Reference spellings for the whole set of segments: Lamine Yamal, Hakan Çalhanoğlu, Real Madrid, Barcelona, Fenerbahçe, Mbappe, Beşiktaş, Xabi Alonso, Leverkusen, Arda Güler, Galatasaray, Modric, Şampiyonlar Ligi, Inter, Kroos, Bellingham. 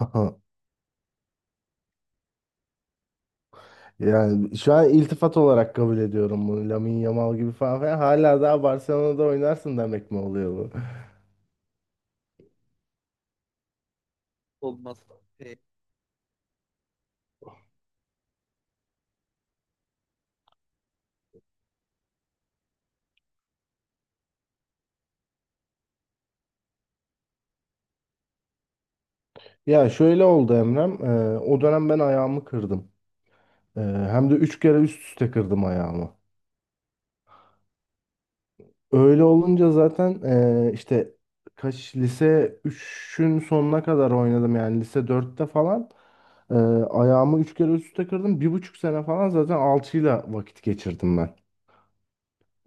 Yani şu an iltifat olarak kabul ediyorum bunu. Lamine Yamal gibi falan filan. Hala daha Barcelona'da oynarsın demek mi oluyor bu? Ya şöyle oldu Emrem. O dönem ben ayağımı kırdım. Ee, Hem de üç kere üst üste kırdım ayağımı. Öyle olunca zaten işte lise üçün sonuna kadar oynadım yani lise dörtte falan. Ee, Ayağımı üç kere üst üste kırdım. Bir buçuk sene falan zaten alçıyla vakit geçirdim.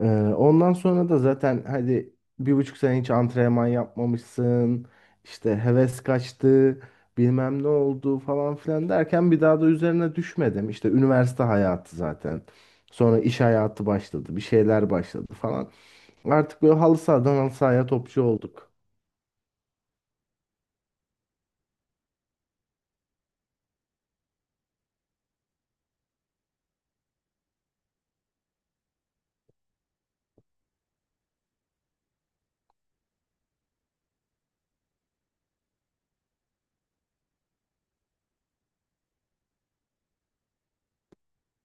Ee, Ondan sonra da zaten hadi bir buçuk sene hiç antrenman yapmamışsın. İşte heves kaçtı, bilmem ne oldu falan filan derken bir daha da üzerine düşmedim. İşte üniversite hayatı zaten. Sonra iş hayatı başladı, bir şeyler başladı falan. Artık böyle halı sahadan halı sahaya topçu olduk.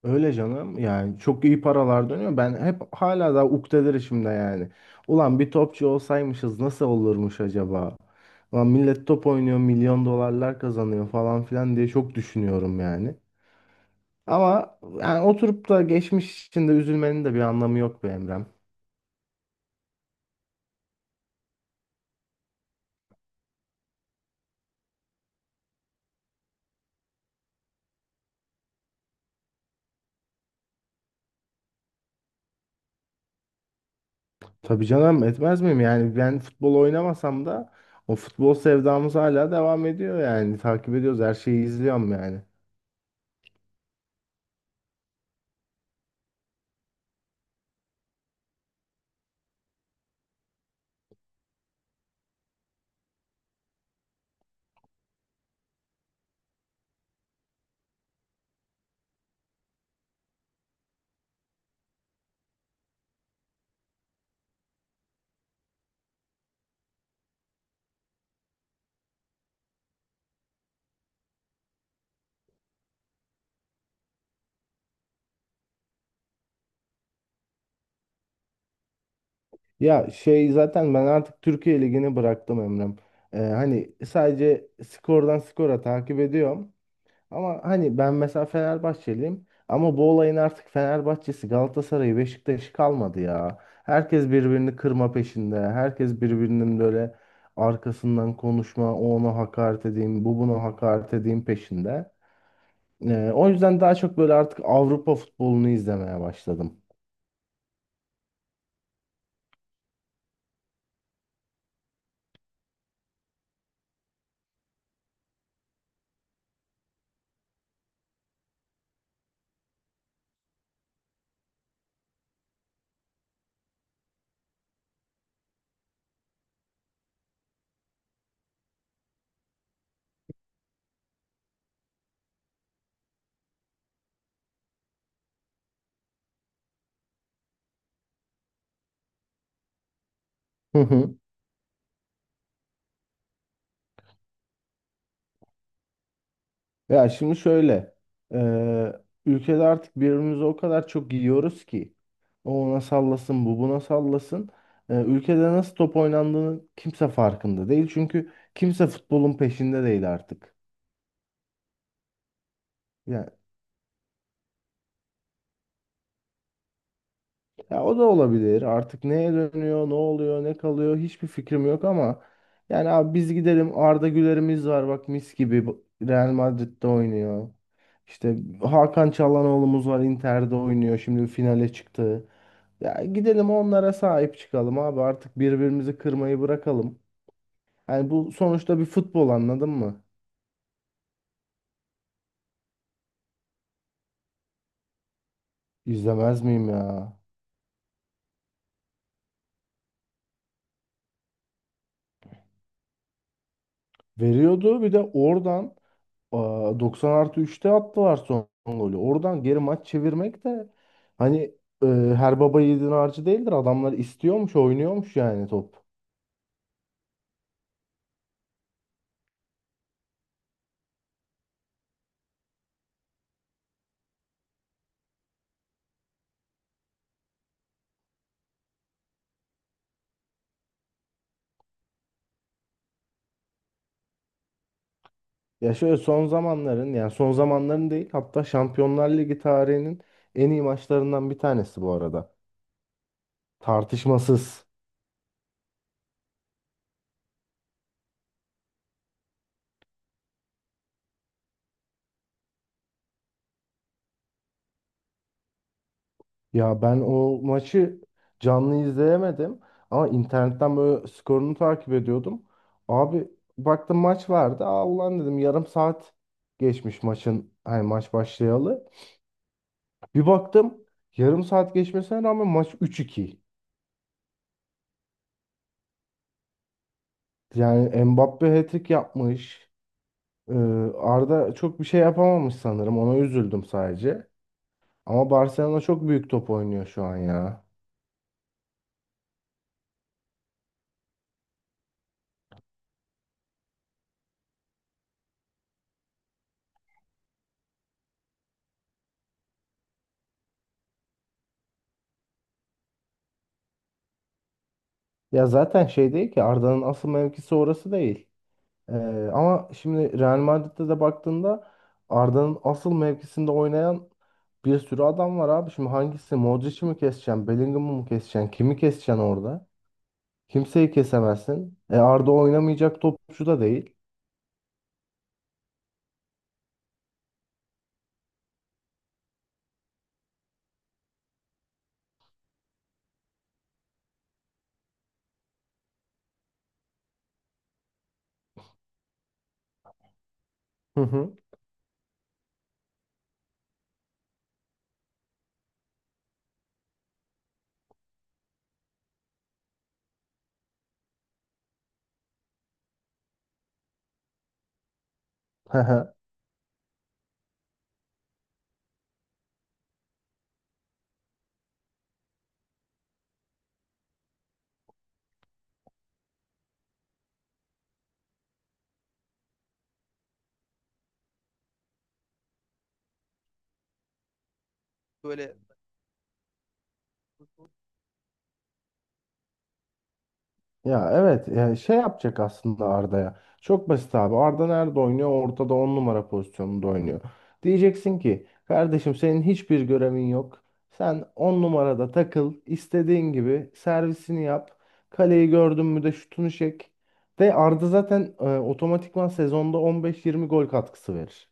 Öyle canım, yani çok iyi paralar dönüyor. Ben hep hala da ukdedirişimde yani. Ulan bir topçu olsaymışız nasıl olurmuş acaba? Ulan millet top oynuyor, milyon dolarlar kazanıyor falan filan diye çok düşünüyorum yani. Ama yani oturup da geçmiş içinde üzülmenin de bir anlamı yok be Emrem. Tabii canım, etmez miyim yani? Ben futbol oynamasam da o futbol sevdamız hala devam ediyor yani, takip ediyoruz, her şeyi izliyorum yani. Ya şey, zaten ben artık Türkiye Ligi'ni bıraktım Emrem. Hani sadece skordan skora takip ediyorum. Ama hani ben mesela Fenerbahçeliyim. Ama bu olayın artık Fenerbahçe'si, Galatasaray'ı, Beşiktaş'ı kalmadı ya. Herkes birbirini kırma peşinde. Herkes birbirinin böyle arkasından konuşma, o ona hakaret edeyim, bu buna hakaret edeyim peşinde. O yüzden daha çok böyle artık Avrupa futbolunu izlemeye başladım. Hı hı. Ya şimdi şöyle, eee, ülkede artık birbirimizi o kadar çok yiyoruz ki o ona sallasın, bu buna sallasın. Ülkede nasıl top oynandığını kimse farkında değil, çünkü kimse futbolun peşinde değil artık. Ya o da olabilir. Artık neye dönüyor, ne oluyor, ne kalıyor hiçbir fikrim yok ama yani abi biz gidelim, Arda Güler'imiz var bak, mis gibi Real Madrid'de oynuyor. İşte Hakan Çalhanoğlu'muz var, Inter'de oynuyor, şimdi finale çıktı. Ya gidelim onlara sahip çıkalım abi, artık birbirimizi kırmayı bırakalım. Yani bu sonuçta bir futbol, anladın mı? İzlemez miyim ya? Veriyordu bir de oradan. Aa, 90 artı 3'te attılar son golü. Oradan geri maç çevirmek de hani, e, her baba yiğidin harcı değildir. Adamlar istiyormuş, oynuyormuş yani top. Ya şöyle, son zamanların, yani son zamanların değil hatta Şampiyonlar Ligi tarihinin en iyi maçlarından bir tanesi bu arada. Tartışmasız. Ya ben o maçı canlı izleyemedim ama internetten böyle skorunu takip ediyordum. Abi baktım maç vardı. Aa ulan dedim, yarım saat geçmiş maçın, hani maç başlayalı. Bir baktım yarım saat geçmesine rağmen maç 3-2. Yani Mbappe hat-trick yapmış. Ee, Arda çok bir şey yapamamış sanırım. Ona üzüldüm sadece. Ama Barcelona çok büyük top oynuyor şu an ya. Ya zaten şey değil ki, Arda'nın asıl mevkisi orası değil. Ama şimdi Real Madrid'de de baktığında Arda'nın asıl mevkisinde oynayan bir sürü adam var abi. Şimdi hangisi? Modric'i mi keseceksin? Bellingham'ı mı keseceksin? Kimi keseceksin orada? Kimseyi kesemezsin. E Arda oynamayacak topçu da değil. Hı hı. Ya evet ya, şey yapacak aslında Arda'ya. Çok basit abi. Arda nerede oynuyor? Ortada 10 numara pozisyonunda oynuyor. Diyeceksin ki kardeşim senin hiçbir görevin yok. Sen 10 numarada takıl, istediğin gibi servisini yap. Kaleyi gördün mü de şutunu çek. De Arda zaten otomatikman sezonda 15-20 gol katkısı verir.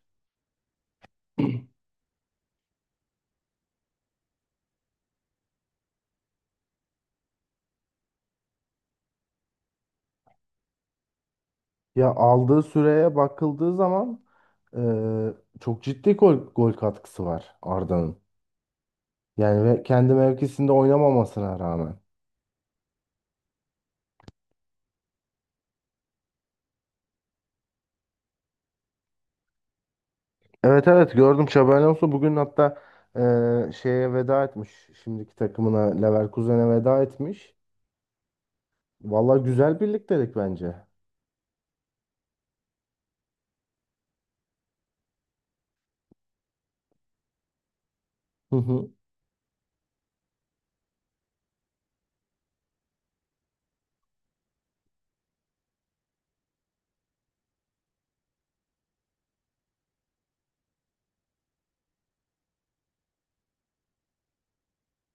Ya aldığı süreye bakıldığı zaman e, çok ciddi gol katkısı var Arda'nın. Yani ve kendi mevkisinde oynamamasına rağmen. Evet evet gördüm, Xabi Alonso bugün hatta şeye veda etmiş. Şimdiki takımına Leverkusen'e veda etmiş. Valla güzel birliktelik bence. Hı hı.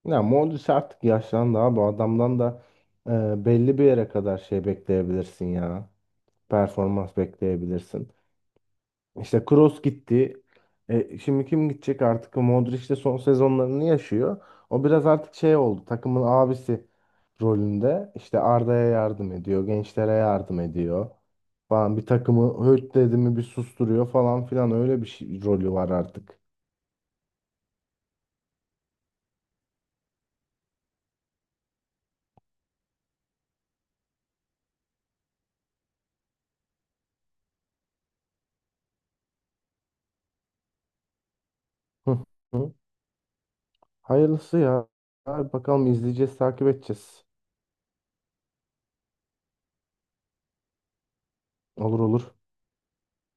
Ya Modric artık yaşlandı abi. Bu adamdan da belli bir yere kadar şey bekleyebilirsin ya. Performans bekleyebilirsin. İşte Kroos gitti. E, şimdi kim gidecek artık? Modric de son sezonlarını yaşıyor. O biraz artık şey oldu. Takımın abisi rolünde. İşte Arda'ya yardım ediyor. Gençlere yardım ediyor. Falan bir takımı höt dedi mi bir susturuyor falan filan. Öyle bir şey, rolü var artık. Hı hı. Hayırlısı ya. Abi bakalım, izleyeceğiz, takip edeceğiz. Olur olur.